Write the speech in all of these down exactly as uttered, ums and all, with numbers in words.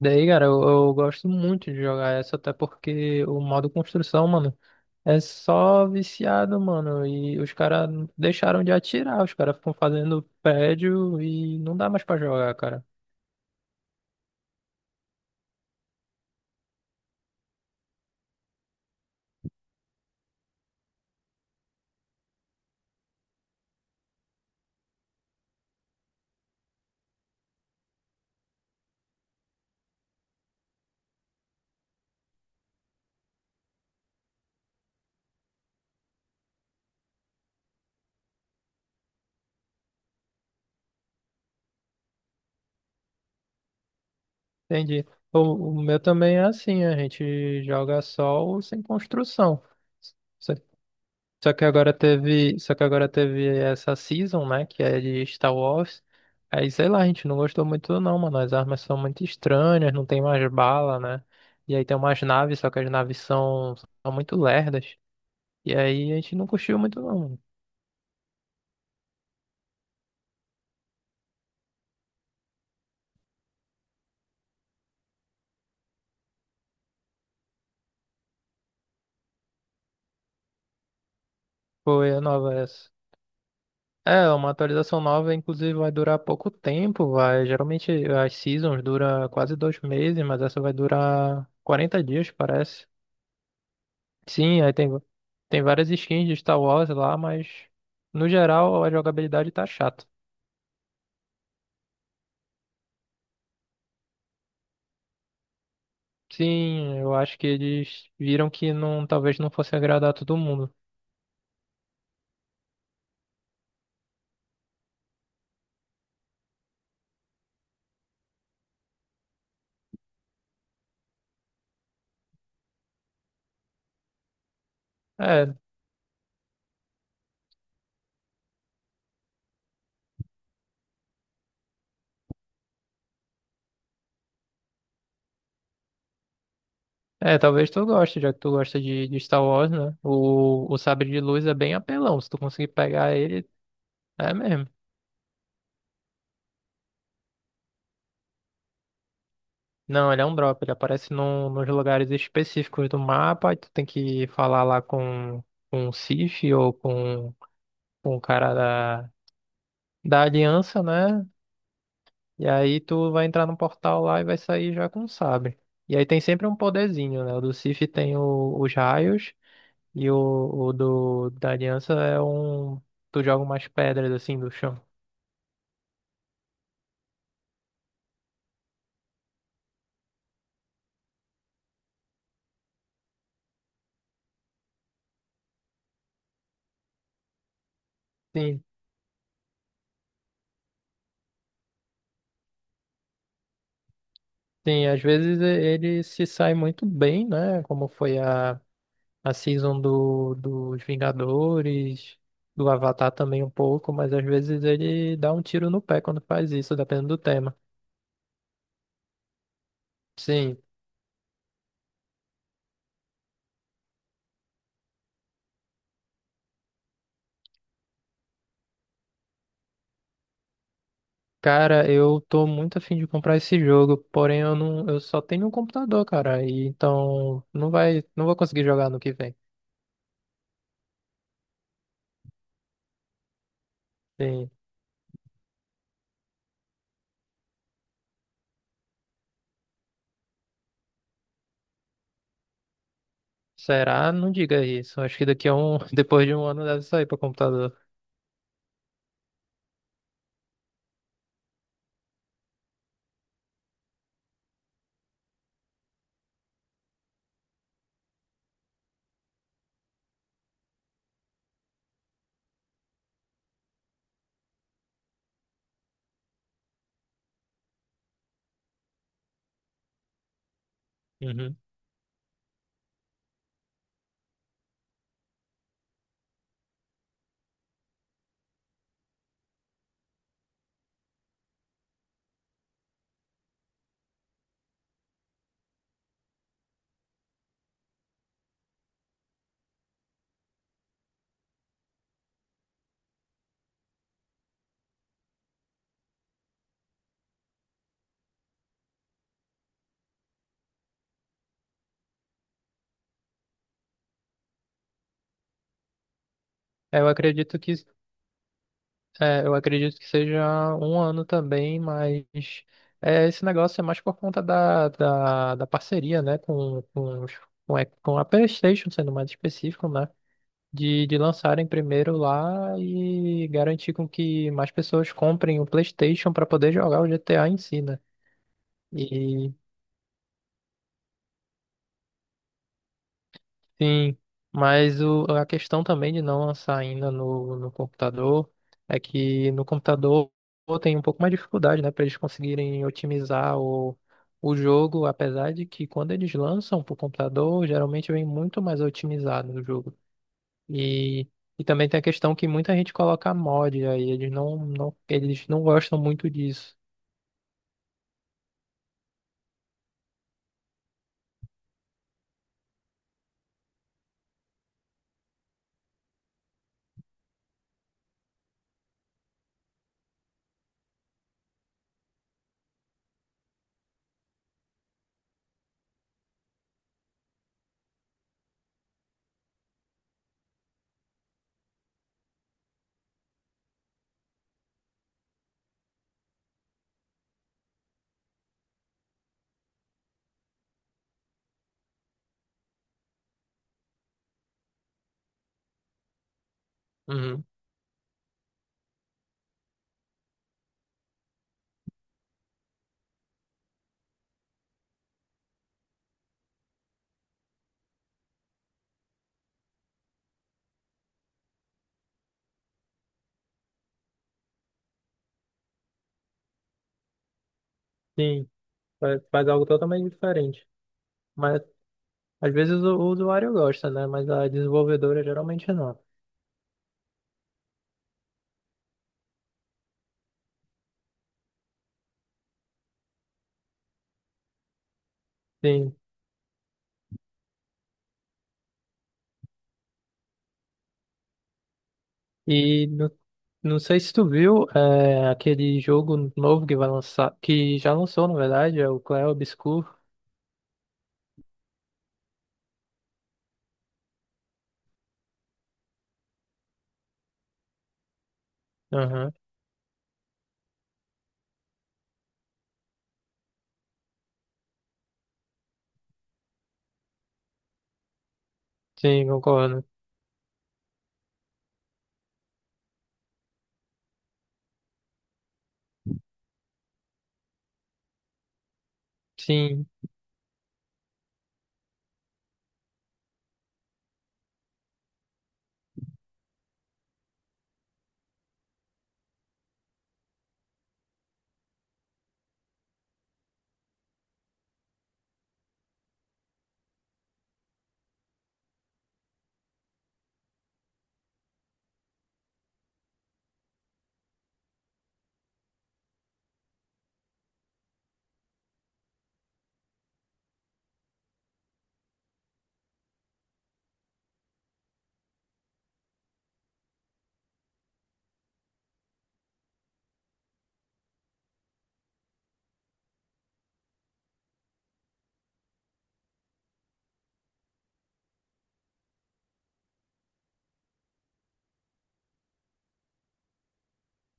Daí, cara, eu, eu gosto muito de jogar essa, até porque o modo construção, mano, é só viciado, mano. E os caras deixaram de atirar, os caras ficam fazendo prédio e não dá mais pra jogar, cara. Entendi. O, o meu também é assim, a gente joga só o sem construção. Só que agora teve, só que agora teve essa season, né, que é de Star Wars. Aí, sei lá, a gente não gostou muito não, mano. As armas são muito estranhas, não tem mais bala, né? E aí tem umas naves, só que as naves são, são muito lerdas. E aí a gente não curtiu muito não, mano. Foi a nova essa. É, uma atualização nova, inclusive, vai durar pouco tempo, vai. Geralmente as seasons duram quase dois meses, mas essa vai durar quarenta dias, parece. Sim, aí tem, tem várias skins de Star Wars lá, mas no geral a jogabilidade tá chata. Sim, eu acho que eles viram que não, talvez não fosse agradar todo mundo. É, é, talvez tu goste, já que tu gosta de, de Star Wars, né? O, o sabre de luz é bem apelão, se tu conseguir pegar ele, é mesmo. Não, ele é um drop, ele aparece num, nos lugares específicos do mapa, e tu tem que falar lá com, com o Sith ou com, com o cara da, da aliança, né? E aí tu vai entrar no portal lá e vai sair já com o sabre. E aí tem sempre um poderzinho, né? O do Sif tem o- os raios e o, o do da Aliança é um. Tu joga umas pedras assim do chão. Sim, sim, às vezes e- ele se sai muito bem, né? Como foi a, a season do, dos Vingadores, do Avatar também um pouco, mas às vezes ele dá um tiro no pé quando faz isso, dependendo do tema. Sim. Cara, eu tô muito afim de comprar esse jogo, porém eu não, eu só tenho um computador, cara, e então não vai, não vou conseguir jogar no que vem. Sim. Será? Não diga isso. Acho que daqui a um, depois de um ano deve sair para computador. Uhum. É, eu acredito que, é, eu acredito que seja um ano também, mas é, esse negócio é mais por conta da, da, da parceria, né, com, com, os- com a com a PlayStation, sendo mais específico, né? de, de lançarem primeiro lá e garantir com que mais pessoas comprem o PlayStation para poder jogar o G T A em si, né? E sim, mas o, a questão também de não lançar ainda no, no computador é que no computador tem um pouco mais de dificuldade, né, para eles conseguirem otimizar o, o jogo, apesar de que quando eles lançam para o computador, geralmente vem muito mais otimizado o jogo. E, e também tem a questão que muita gente coloca mod aí, eles não, não, eles não gostam muito disso. Uhum. Sim, fa- faz algo totalmente diferente. Mas às vezes o, o usuário gosta, né? Mas a desenvolvedora geralmente não. Sim. E no, não sei se tu viu é, aquele jogo novo que vai lançar, que já lançou, na verdade, é o Clair Obscur. Aham. Sim, concordo. Sim.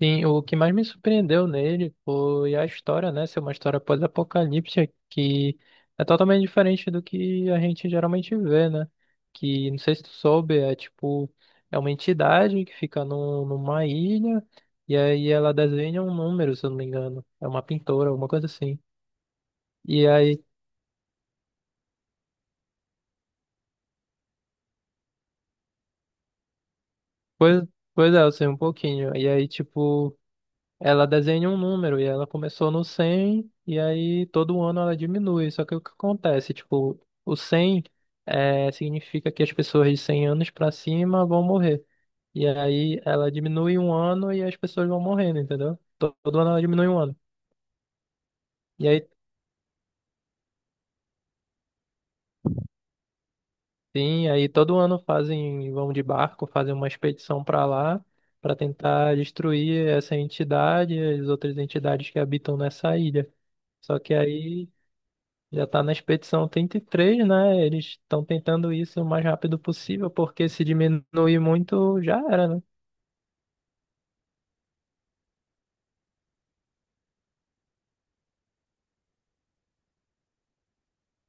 Sim, o que mais me surpreendeu nele foi a história, né? Ser uma história pós-apocalíptica que é totalmente diferente do que a gente geralmente vê, né? Que, não sei se tu soube, é tipo, é uma entidade que fica no, numa ilha e aí ela desenha um número, se eu não me engano. É uma pintora, alguma coisa assim. E aí, pois, pois é, eu sei um pouquinho. E aí, tipo. Ela desenha um número e ela começou no cem e aí todo ano ela diminui. Só que o que acontece, tipo, o cem é, significa que as pessoas de cem anos pra cima vão morrer. E aí ela diminui um ano e as pessoas vão morrendo, entendeu? To- Todo ano ela diminui um ano. E aí sim, aí todo ano fazem, vão de barco, fazem uma expedição pra lá pra tentar destruir essa entidade e as outras entidades que habitam nessa ilha. Só que aí já está na expedição trinta e três, né? Eles estão tentando isso o mais rápido possível, porque se diminuir muito, já era, né?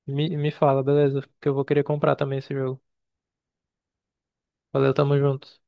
Me, me fala, beleza? Que eu vou querer comprar também esse jogo. Valeu, tamo junto.